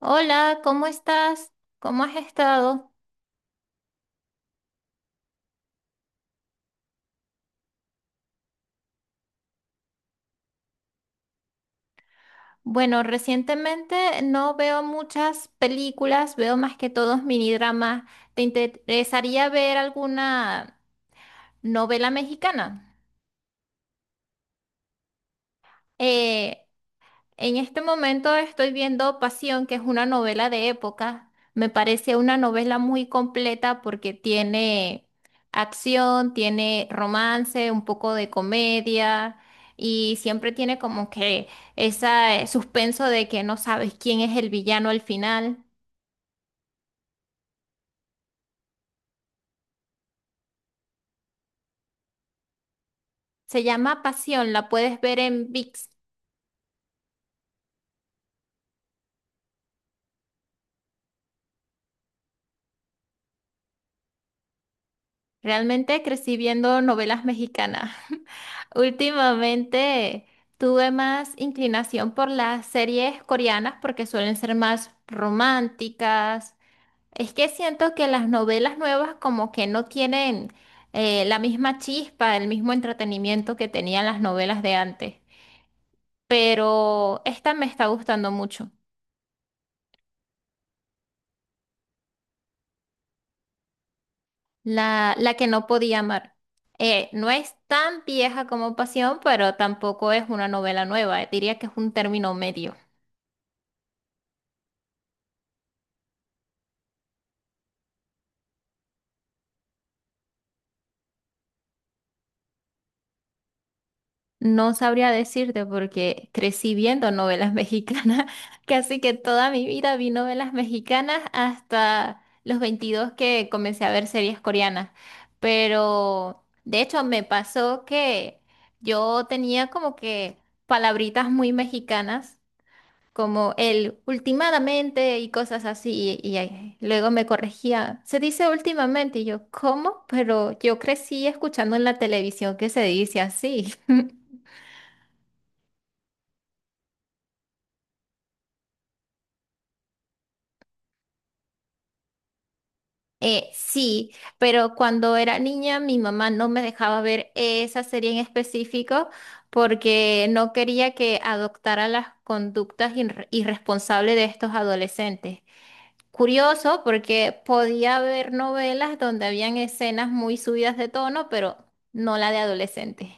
Hola, ¿cómo estás? ¿Cómo has estado? Bueno, recientemente no veo muchas películas, veo más que todos minidramas. ¿Te interesaría ver alguna novela mexicana? Eh, En este momento estoy viendo Pasión, que es una novela de época. Me parece una novela muy completa porque tiene acción, tiene romance, un poco de comedia y siempre tiene como que ese suspenso de que no sabes quién es el villano al final. Se llama Pasión, la puedes ver en VIX. Realmente crecí viendo novelas mexicanas. Últimamente tuve más inclinación por las series coreanas porque suelen ser más románticas. Es que siento que las novelas nuevas como que no tienen la misma chispa, el mismo entretenimiento que tenían las novelas de antes. Pero esta me está gustando mucho. La que no podía amar. No es tan vieja como Pasión, pero tampoco es una novela nueva. Diría que es un término medio. No sabría decirte porque crecí viendo novelas mexicanas. Casi que toda mi vida vi novelas mexicanas hasta los 22 que comencé a ver series coreanas. Pero de hecho me pasó que yo tenía como que palabritas muy mexicanas como el últimamente y cosas así, y ahí luego me corregía, se dice últimamente, y yo, ¿cómo? Pero yo crecí escuchando en la televisión que se dice así. Sí, pero cuando era niña mi mamá no me dejaba ver esa serie en específico porque no quería que adoptara las conductas irresponsables de estos adolescentes. Curioso porque podía ver novelas donde habían escenas muy subidas de tono, pero no la de adolescentes.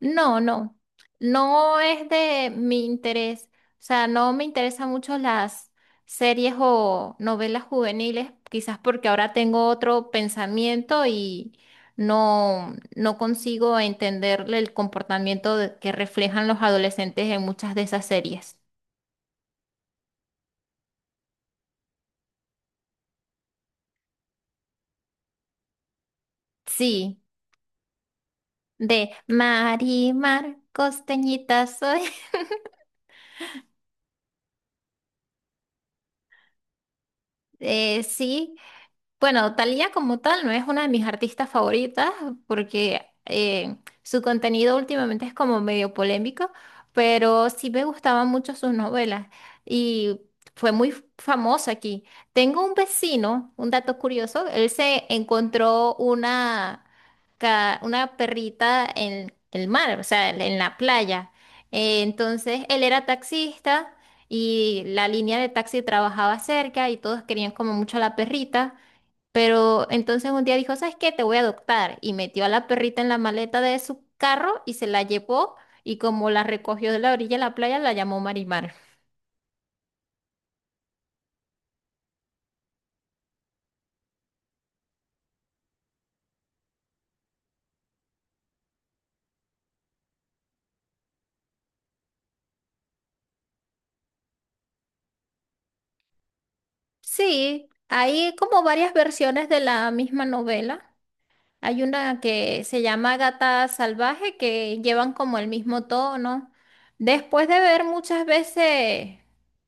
No, no, no es de mi interés. O sea, no me interesan mucho las series o novelas juveniles, quizás porque ahora tengo otro pensamiento y no, no consigo entender el comportamiento que reflejan los adolescentes en muchas de esas series. Sí. De Marimar, costeñita soy. Sí, bueno, Thalía como tal no es una de mis artistas favoritas porque su contenido últimamente es como medio polémico, pero sí me gustaban mucho sus novelas y fue muy famosa aquí. Tengo un vecino, un dato curioso, él se encontró una perrita en el mar, o sea, en la playa. Entonces él era taxista y la línea de taxi trabajaba cerca y todos querían como mucho a la perrita. Pero entonces un día dijo, ¿sabes qué? Te voy a adoptar. Y metió a la perrita en la maleta de su carro y se la llevó. Y como la recogió de la orilla de la playa, la llamó Marimar. Sí, hay como varias versiones de la misma novela. Hay una que se llama Gata Salvaje que llevan como el mismo tono. Después de ver muchas veces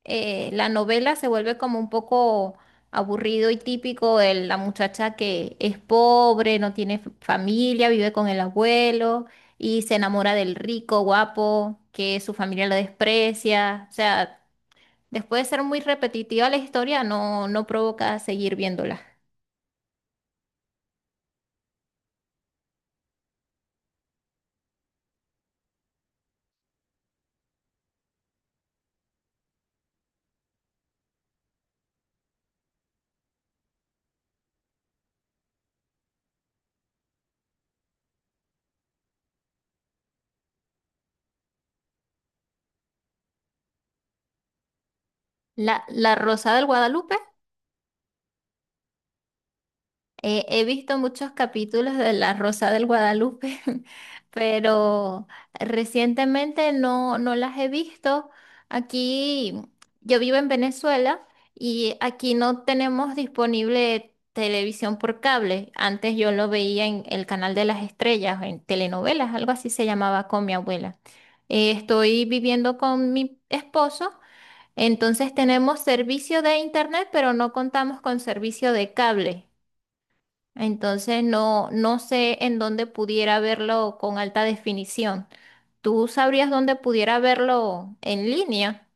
la novela se vuelve como un poco aburrido y típico el la muchacha que es pobre, no tiene familia, vive con el abuelo y se enamora del rico, guapo, que su familia lo desprecia. O sea, después de ser muy repetitiva la historia, no, no provoca seguir viéndola. La Rosa del Guadalupe. He visto muchos capítulos de La Rosa del Guadalupe, pero recientemente no, no las he visto. Aquí yo vivo en Venezuela y aquí no tenemos disponible televisión por cable. Antes yo lo veía en el canal de las estrellas, en telenovelas, algo así se llamaba con mi abuela. Estoy viviendo con mi esposo, entonces tenemos servicio de internet, pero no contamos con servicio de cable. Entonces no, no sé en dónde pudiera verlo con alta definición. ¿Tú sabrías dónde pudiera verlo en línea?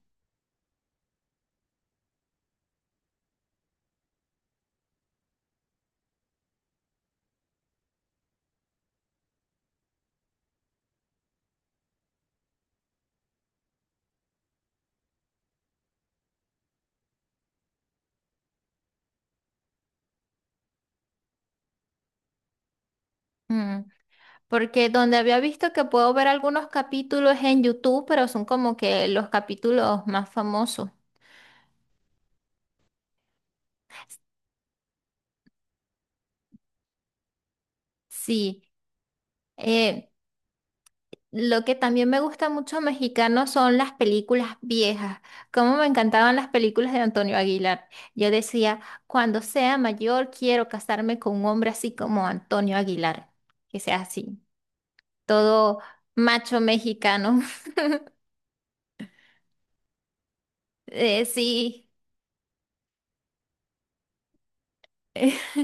Mm, Porque donde había visto que puedo ver algunos capítulos en YouTube, pero son como que los capítulos más famosos. Sí. Eh, Lo que también me gusta mucho mexicano son las películas viejas. Cómo me encantaban las películas de Antonio Aguilar. Yo decía, cuando sea mayor quiero casarme con un hombre así como Antonio Aguilar, que sea así, todo macho mexicano. Sí,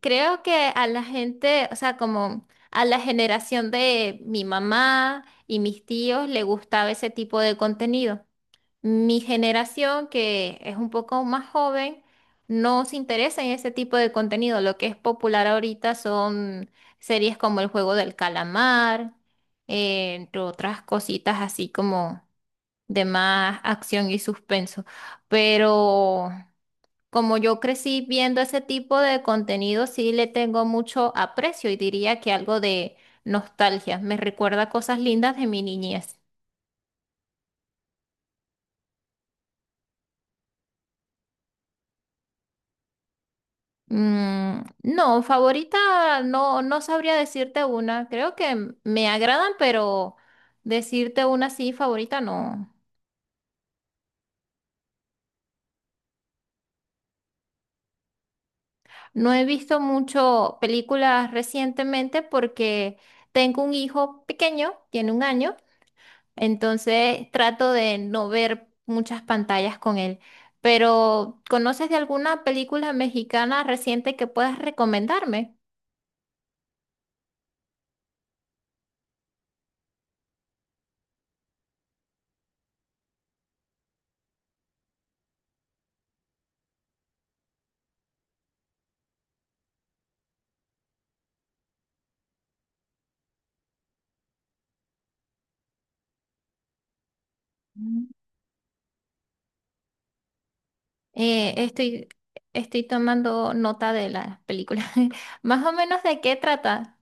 creo que a la gente, o sea, como a la generación de mi mamá y mis tíos le gustaba ese tipo de contenido. Mi generación, que es un poco más joven, no se interesa en ese tipo de contenido. Lo que es popular ahorita son series como El Juego del Calamar, entre otras cositas así como de más acción y suspenso. Pero como yo crecí viendo ese tipo de contenido, sí le tengo mucho aprecio y diría que algo de nostalgia. Me recuerda cosas lindas de mi niñez. Mm, no, favorita no, no sabría decirte una. Creo que me agradan, pero decirte una sí, favorita no. No he visto mucho películas recientemente porque tengo un hijo pequeño, tiene 1 año, entonces trato de no ver muchas pantallas con él. Pero, ¿conoces de alguna película mexicana reciente que puedas recomendarme? Eh, estoy, estoy tomando nota de las películas. Más o menos de qué trata,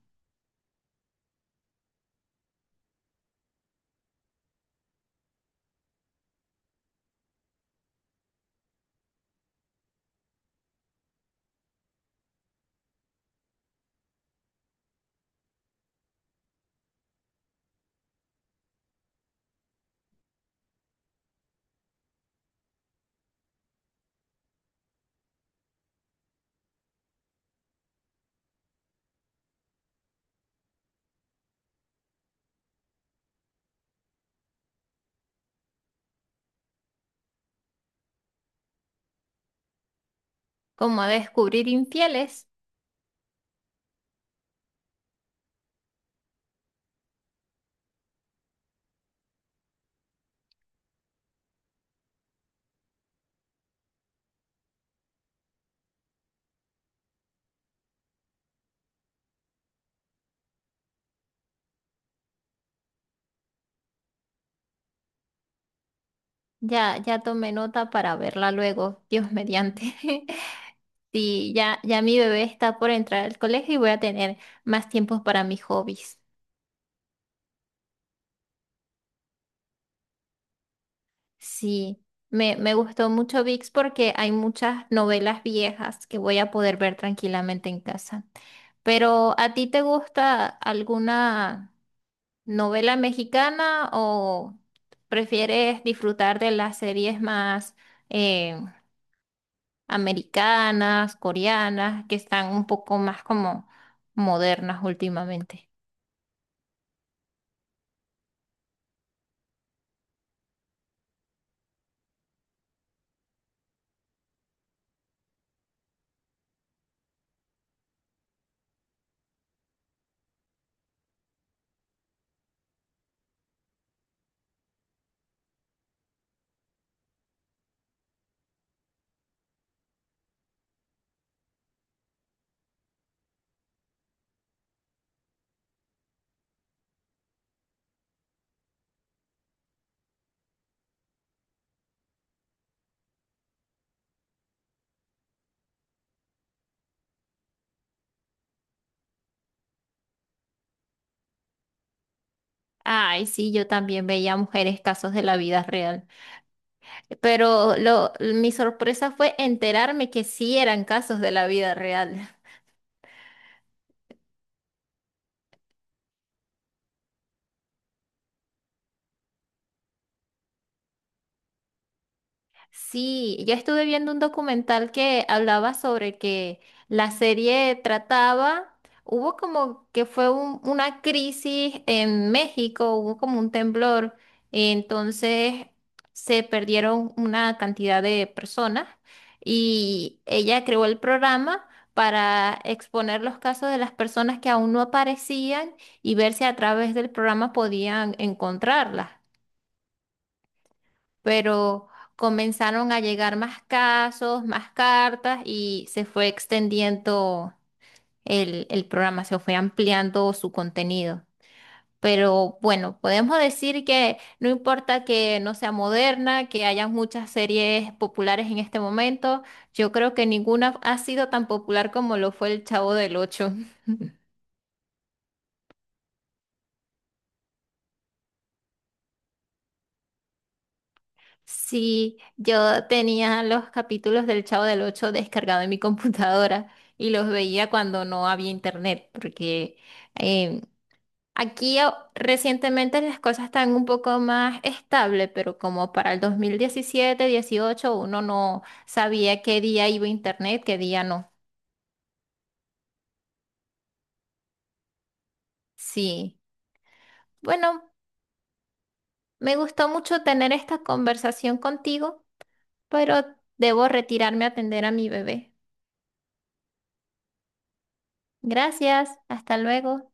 como a descubrir infieles. Ya, ya tomé nota para verla luego, Dios mediante. Sí, ya, ya mi bebé está por entrar al colegio y voy a tener más tiempo para mis hobbies. Sí, me gustó mucho VIX porque hay muchas novelas viejas que voy a poder ver tranquilamente en casa. Pero, ¿a ti te gusta alguna? ¿Novela mexicana o prefieres disfrutar de las series más eh, americanas, coreanas, que están un poco más como modernas últimamente? Ay, sí, yo también veía mujeres casos de la vida real, pero mi sorpresa fue enterarme que sí eran casos de la vida real. Sí, yo estuve viendo un documental que hablaba sobre que la serie trataba, hubo como que fue una crisis en México, hubo como un temblor, entonces se perdieron una cantidad de personas y ella creó el programa para exponer los casos de las personas que aún no aparecían y ver si a través del programa podían encontrarlas pero comenzaron a llegar más casos, más cartas y se fue extendiendo el programa, se fue ampliando su contenido. Pero bueno, podemos decir que no importa que no sea moderna, que haya muchas series populares en este momento, yo creo que ninguna ha sido tan popular como lo fue El Chavo del Ocho. Sí, yo tenía los capítulos del Chavo del Ocho descargados en mi computadora y los veía cuando no había internet, porque em, aquí recientemente las cosas están un poco más estables, pero como para el 2017, 18, uno no sabía qué día iba internet, qué día no. Sí, bueno, me, gustó mucho tener esta conversación contigo, pero debo retirarme a atender a mi bebé. Gracias, hasta luego.